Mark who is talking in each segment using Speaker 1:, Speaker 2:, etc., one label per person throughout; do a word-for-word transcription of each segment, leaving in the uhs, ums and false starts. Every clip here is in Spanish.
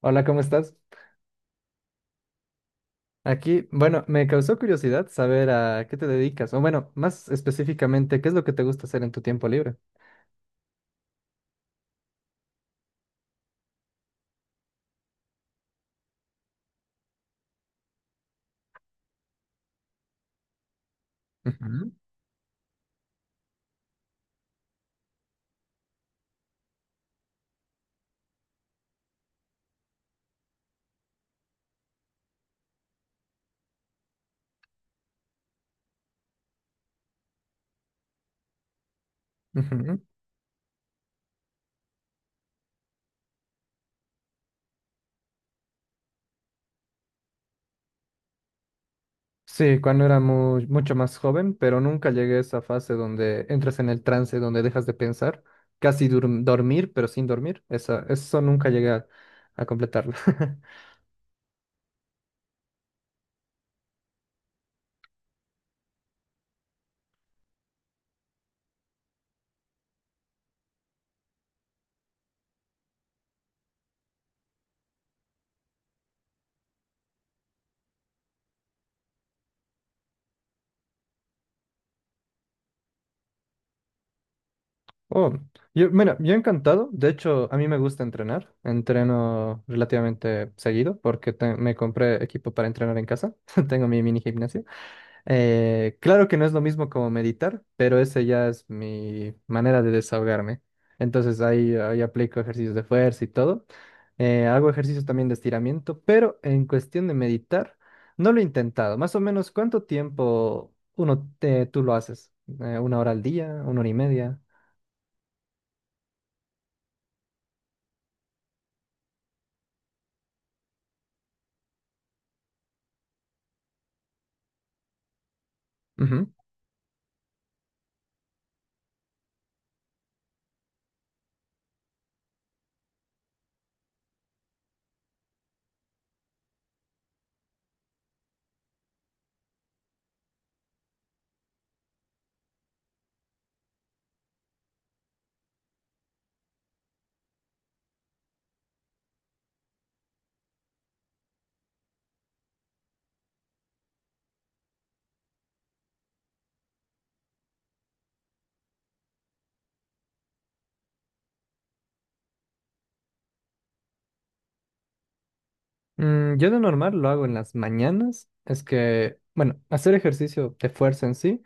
Speaker 1: Hola, ¿cómo estás? Aquí, bueno, me causó curiosidad saber a qué te dedicas, o bueno, más específicamente, ¿qué es lo que te gusta hacer en tu tiempo libre? Ujú. Ujú. Sí, cuando era mu- mucho más joven, pero nunca llegué a esa fase donde entras en el trance, donde dejas de pensar, casi dur- dormir, pero sin dormir. Esa, eso nunca llegué a, a completarlo. Oh, yo, mira, yo encantado. De hecho, a mí me gusta entrenar. Entreno relativamente seguido porque te- me compré equipo para entrenar en casa. Tengo mi mini gimnasio. Eh, claro que no es lo mismo como meditar, pero ese ya es mi manera de desahogarme. Entonces ahí, ahí aplico ejercicios de fuerza y todo. Eh, hago ejercicios también de estiramiento, pero en cuestión de meditar, no lo he intentado. Más o menos, ¿cuánto tiempo uno te- tú lo haces? Eh, ¿una hora al día? ¿Una hora y media? Mm, yo de normal lo hago en las mañanas. Es que, bueno, hacer ejercicio de fuerza en sí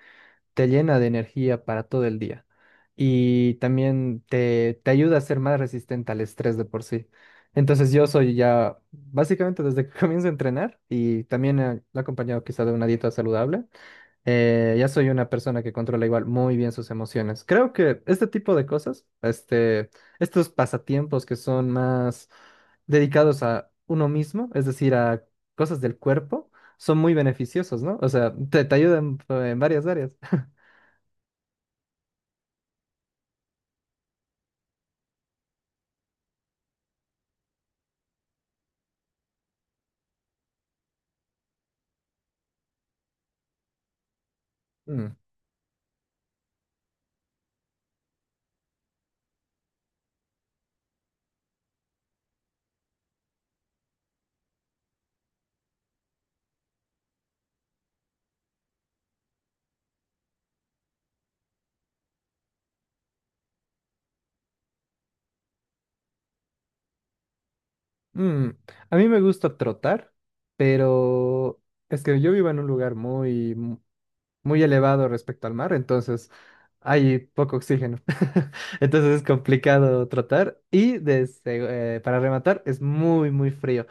Speaker 1: te llena de energía para todo el día y también te, te ayuda a ser más resistente al estrés de por sí. Entonces yo soy ya, básicamente desde que comienzo a entrenar y también eh, lo he acompañado quizá de una dieta saludable, eh, ya soy una persona que controla igual muy bien sus emociones. Creo que este tipo de cosas, este, estos pasatiempos que son más dedicados a uno mismo, es decir, a cosas del cuerpo, son muy beneficiosos, ¿no? O sea, te, te ayudan eh, en varias áreas. Mm, mm. A mí me gusta trotar, pero es que yo vivo en un lugar muy, muy elevado respecto al mar, entonces hay poco oxígeno. Entonces es complicado tratar y desde, eh, para rematar es muy, muy frío.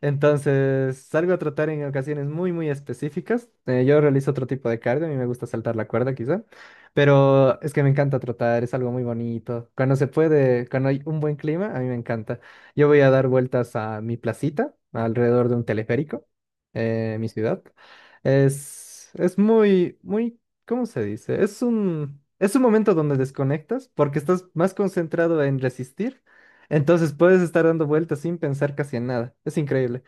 Speaker 1: Entonces, salgo a trotar en ocasiones muy, muy específicas. Eh, yo realizo otro tipo de cardio, a mí me gusta saltar la cuerda quizá, pero es que me encanta trotar, es algo muy bonito. Cuando se puede, cuando hay un buen clima, a mí me encanta. Yo voy a dar vueltas a mi placita, alrededor de un teleférico, eh, en mi ciudad. Es, es muy, muy, ¿Cómo se dice? Es un, es un momento donde desconectas porque estás más concentrado en resistir. Entonces puedes estar dando vueltas sin pensar casi en nada. Es increíble.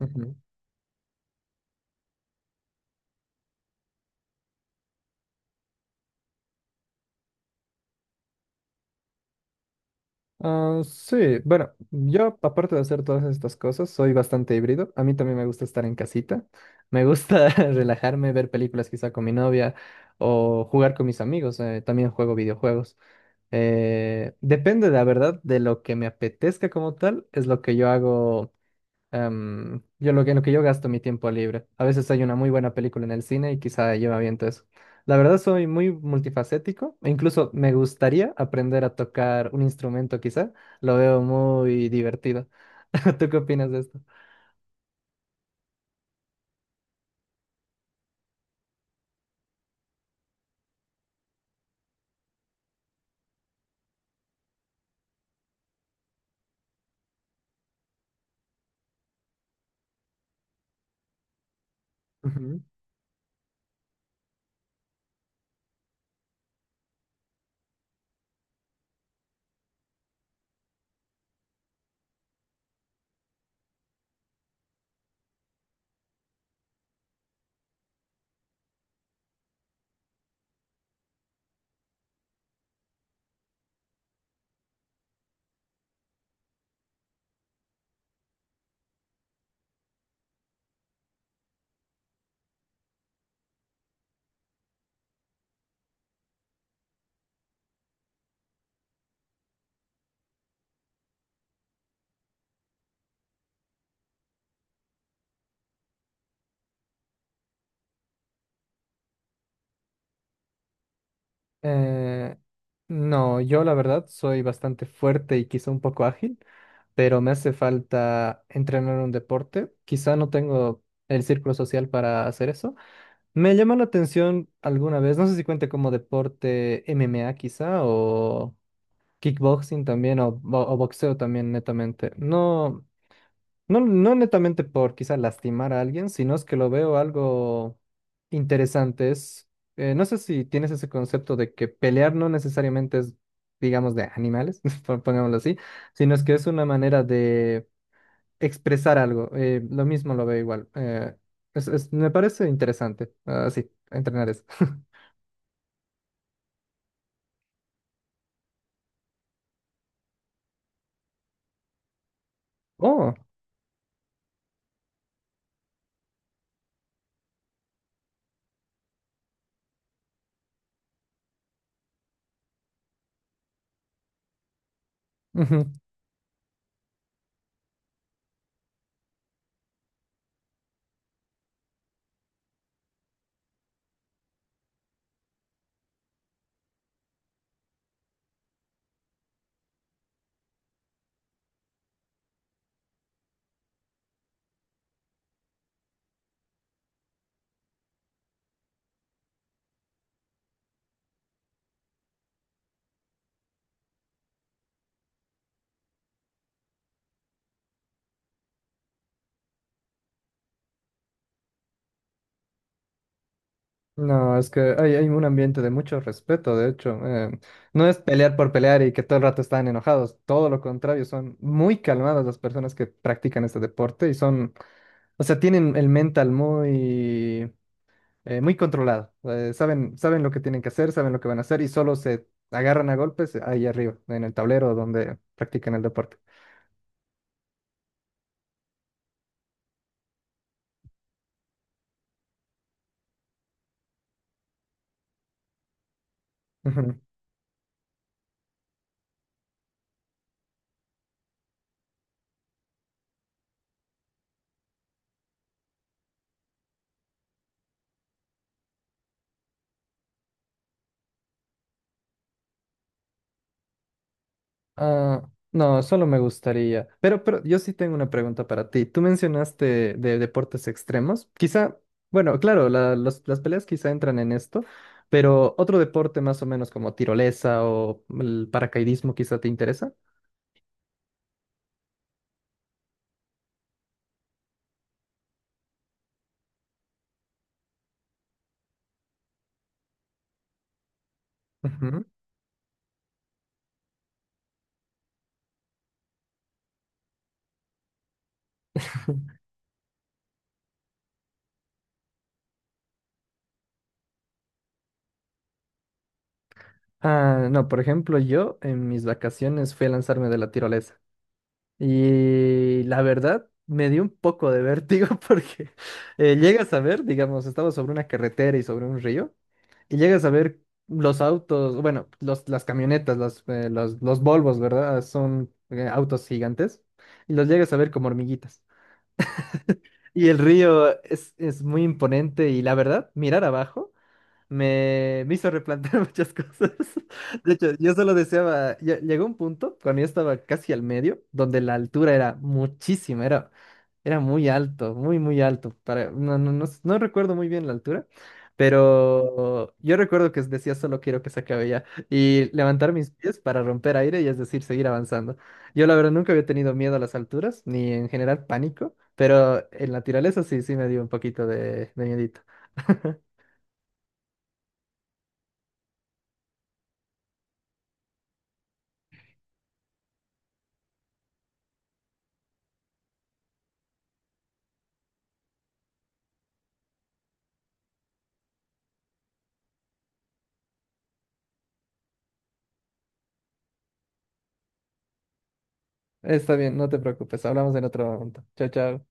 Speaker 1: Ujú. Ah, sí, bueno, yo aparte de hacer todas estas cosas, soy bastante híbrido. A mí también me gusta estar en casita. Me gusta relajarme, ver películas quizá con mi novia o jugar con mis amigos. Eh, también juego videojuegos. Eh, depende, la verdad, de lo que me apetezca como tal, es lo que yo hago em, yo lo que, en lo que yo gasto mi tiempo libre. A veces hay una muy buena película en el cine y quizá yo me aviento eso. La verdad soy muy multifacético e incluso me gustaría aprender a tocar un instrumento quizá. Lo veo muy divertido. ¿Tú qué opinas de esto? Ujú. Eh, no, yo la verdad soy bastante fuerte y quizá un poco ágil, pero me hace falta entrenar un deporte. Quizá no tengo el círculo social para hacer eso. Me llamó la atención alguna vez, no sé si cuente como deporte M M A quizá, o kickboxing también, o, bo- o boxeo también netamente. No, no, no netamente por quizá lastimar a alguien, sino es que lo veo algo interesante. Es, eh, no sé si tienes ese concepto de que pelear no necesariamente es, digamos, de animales, pon- pongámoslo así, sino es que es una manera de expresar algo. Eh, lo mismo lo veo igual. Eh, es- es- me parece interesante, así, entrenar eso. Oh, ujú. No, es que hay, hay un ambiente de mucho respeto, de hecho. Eh, no es pelear por pelear y que todo el rato están enojados, todo lo contrario, son muy calmadas las personas que practican este deporte y son, o sea, tienen el mental muy, eh, muy controlado. Eh, saben, saben lo que tienen que hacer, saben lo que van a hacer y solo se agarran a golpes ahí arriba, en el tablero donde practican el deporte. Ah, no, solo me gustaría. Pero, pero yo sí tengo una pregunta para ti. Tú mencionaste de deportes extremos. Quizá, bueno, claro, la- los- las peleas quizá entran en esto, pero otro deporte más o menos como tirolesa o el paracaidismo quizá te interesa. Ujú. Ah, no, por ejemplo, yo en mis vacaciones fui a lanzarme de la tirolesa y la verdad me dio un poco de vértigo porque eh, llegas a ver, digamos, estaba sobre una carretera y sobre un río. Y llegas a ver los autos, bueno, los, las camionetas, los, eh, los, los Volvos, ¿verdad? Son eh, autos gigantes. Y los llegas a ver como hormiguitas. Y el río es, es muy imponente y la verdad, mirar abajo. Me, me hizo replantear muchas cosas. De hecho, yo solo deseaba, lle- llegó un punto cuando yo estaba casi al medio, donde la altura era muchísima, era, era muy alto, muy, muy alto. Para, no, no, no, s- no recuerdo muy bien la altura, pero yo recuerdo que decía solo quiero que se acabe ya y levantar mis pies para romper aire y es decir, seguir avanzando. Yo la verdad nunca había tenido miedo a las alturas, ni en general pánico, pero en la tiraleza sí, sí me dio un poquito de, de miedito. Está bien, no te preocupes. Hablamos en otro momento. Chao, chao.